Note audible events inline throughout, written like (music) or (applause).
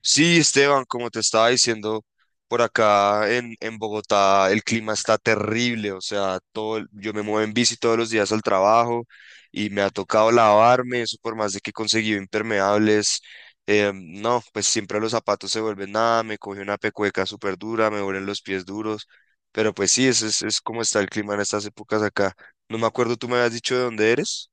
Sí, Esteban, como te estaba diciendo, por acá en Bogotá el clima está terrible, o sea, todo, yo me muevo en bici todos los días al trabajo y me ha tocado lavarme, eso por más de que he conseguido impermeables, no, pues siempre los zapatos se vuelven nada, me coge una pecueca súper dura, me vuelven los pies duros, pero pues sí, ese es como está el clima en estas épocas acá. No me acuerdo, tú me habías dicho de dónde eres.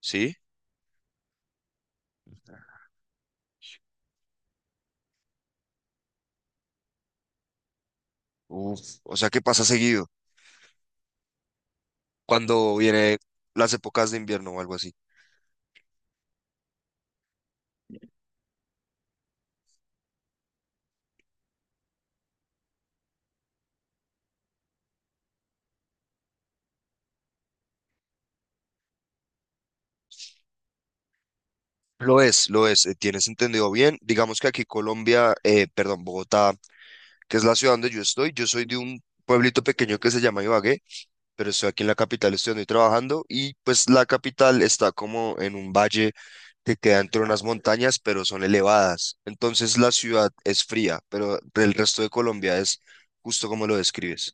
¿Sí? Uf, o sea, ¿qué pasa seguido cuando viene las épocas de invierno o algo así? Lo es, tienes entendido bien. Digamos que aquí Colombia, perdón, Bogotá, que es la ciudad donde yo estoy, yo soy de un pueblito pequeño que se llama Ibagué, pero estoy aquí en la capital, estoy donde trabajando y pues la capital está como en un valle que queda entre unas montañas, pero son elevadas. Entonces la ciudad es fría, pero el resto de Colombia es justo como lo describes.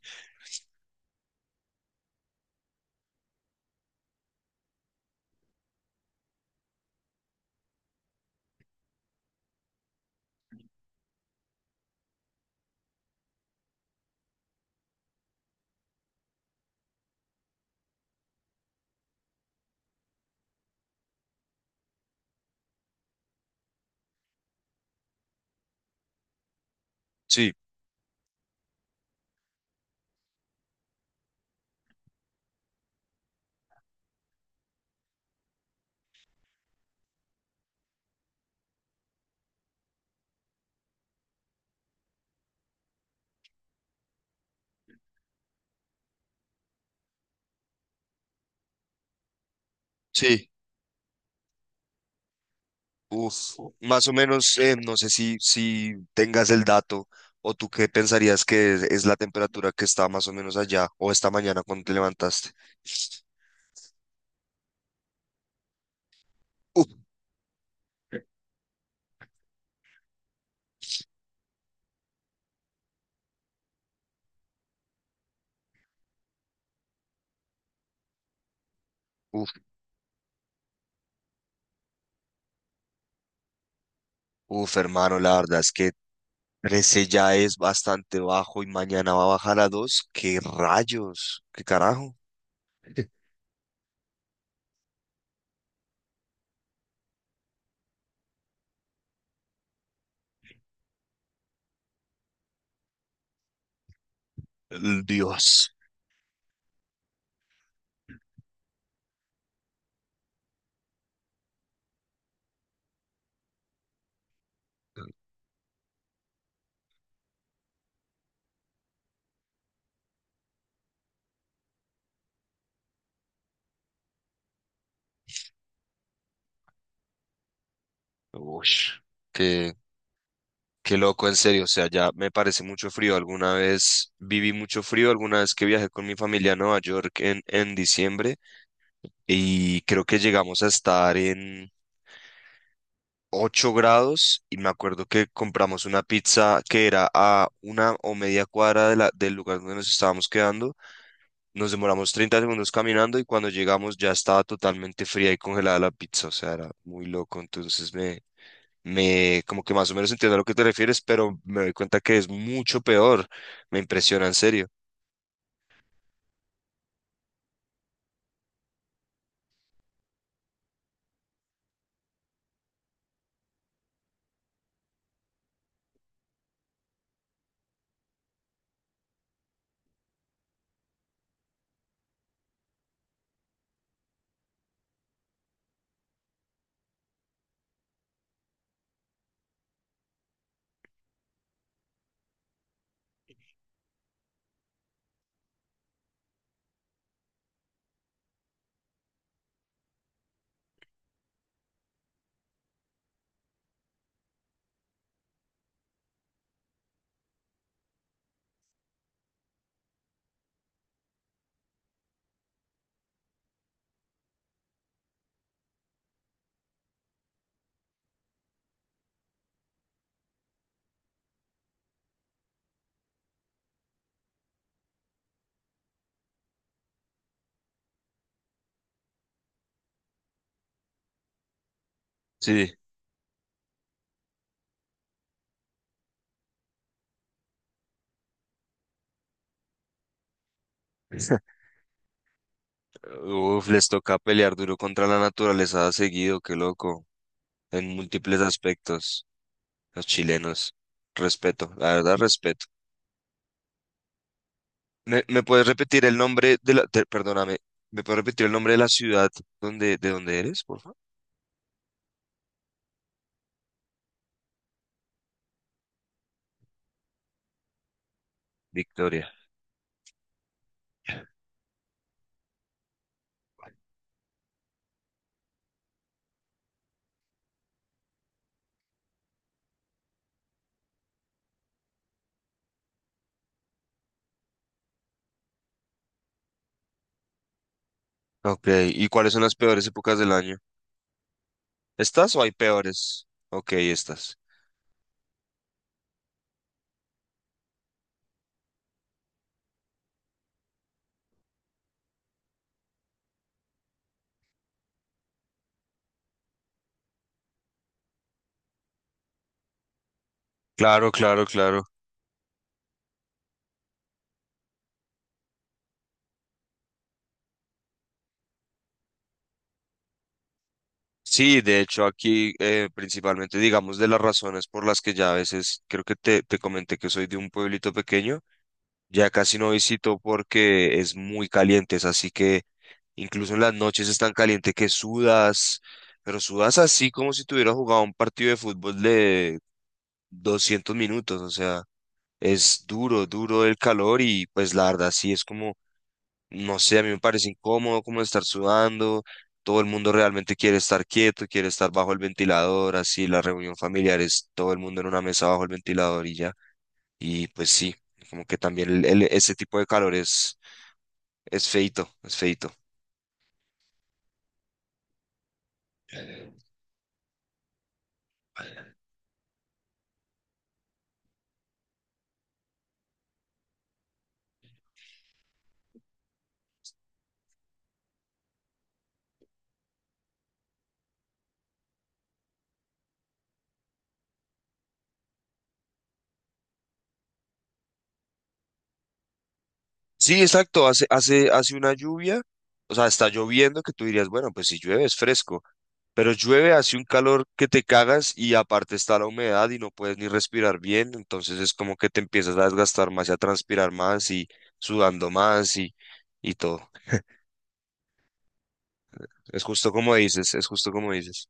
Sí, sí. Uf, más o menos, no sé si tengas el dato o tú qué pensarías que es la temperatura que está más o menos allá o esta mañana cuando te levantaste. Uf, uf, uf, hermano, la verdad es que 13 ya es bastante bajo y mañana va a bajar a 2. ¡Qué rayos! ¡Qué carajo! (laughs) El Dios. Ush, qué, qué loco, en serio. O sea, ya me parece mucho frío. Alguna vez viví mucho frío, alguna vez que viajé con mi familia a Nueva York en diciembre. Y creo que llegamos a estar en 8 grados y me acuerdo que compramos una pizza que era a una o media cuadra de del lugar donde nos estábamos quedando. Nos demoramos 30 segundos caminando y cuando llegamos ya estaba totalmente fría y congelada la pizza, o sea, era muy loco, entonces me... como que más o menos entiendo a lo que te refieres, pero me doy cuenta que es mucho peor. Me impresiona, en serio. Sí. (laughs) Uf, les toca pelear duro contra la naturaleza seguido, qué loco, en múltiples aspectos, los chilenos. Respeto, la verdad, respeto. ¿Me puedes repetir el nombre de la, perdóname, ¿me puedes repetir el nombre de la ciudad donde, de donde eres, por favor? Victoria. Ok, ¿y cuáles son las peores épocas del año? ¿Estas o hay peores? Ok, estas. Claro, claro, claro. Sí, de hecho aquí principalmente, digamos, de las razones por las que ya a veces, creo que te comenté que soy de un pueblito pequeño, ya casi no visito porque es muy caliente, es así que incluso en las noches es tan caliente que sudas, pero sudas así como si tuvieras jugado un partido de fútbol de 200 minutos. O sea, es duro, duro el calor y pues la verdad sí es como, no sé, a mí me parece incómodo como estar sudando. Todo el mundo realmente quiere estar quieto, quiere estar bajo el ventilador, así la reunión familiar es todo el mundo en una mesa bajo el ventilador y ya. Y pues sí, como que también ese tipo de calor es feito, es feito. Sí, exacto, hace una lluvia, o sea, está lloviendo que tú dirías, bueno, pues si llueve es fresco, pero llueve, hace un calor que te cagas y aparte está la humedad y no puedes ni respirar bien, entonces es como que te empiezas a desgastar más y a transpirar más y sudando más y todo. Es justo como dices, es justo como dices.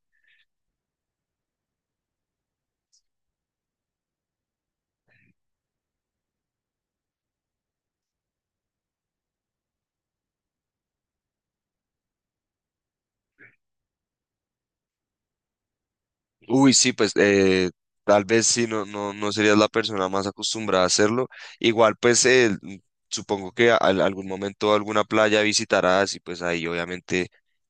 Uy, sí, pues tal vez sí, no, no, no serías la persona más acostumbrada a hacerlo. Igual, pues supongo que algún momento alguna playa visitarás y pues ahí obviamente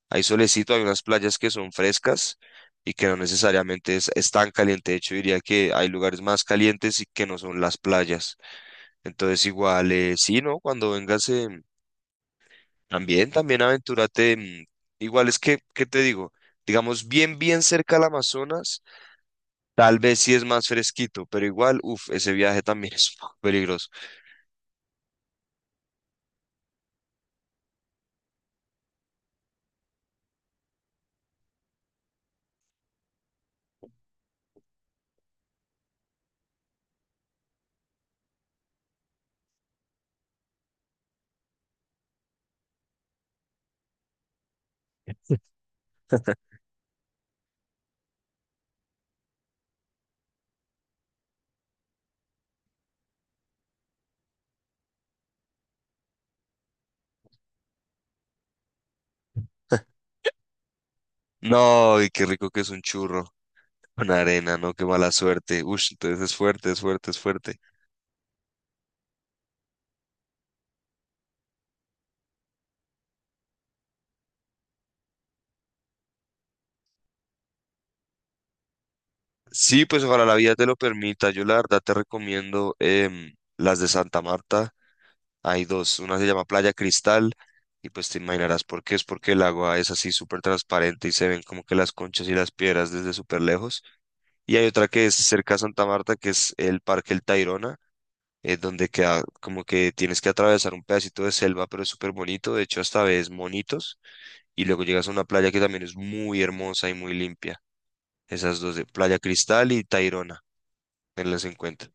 hay solecito, hay unas playas que son frescas y que no necesariamente es tan caliente. De hecho, diría que hay lugares más calientes y que no son las playas. Entonces, igual, sí, ¿no? Cuando vengas, también aventúrate. Igual es que, ¿qué te digo? Digamos, bien, bien cerca al Amazonas. Tal vez sí es más fresquito, pero igual, uff, ese viaje también (laughs) es un poco peligroso. No, y qué rico que es un churro con arena, ¿no? Qué mala suerte. Uff, entonces es fuerte, es fuerte, es fuerte. Sí, pues ojalá la vida te lo permita. Yo la verdad te recomiendo las de Santa Marta. Hay dos, una se llama Playa Cristal y pues te imaginarás por qué, es porque el agua es así súper transparente y se ven como que las conchas y las piedras desde súper lejos. Y hay otra que es cerca a Santa Marta, que es el Parque El Tayrona, donde queda como que tienes que atravesar un pedacito de selva, pero es súper bonito, de hecho hasta ves monitos y luego llegas a una playa que también es muy hermosa y muy limpia. Esas dos de Playa Cristal y Tayrona, tenlas en cuenta.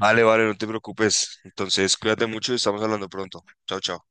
Vale, vale, no te preocupes. Entonces, cuídate mucho y estamos hablando pronto. Chao, chao.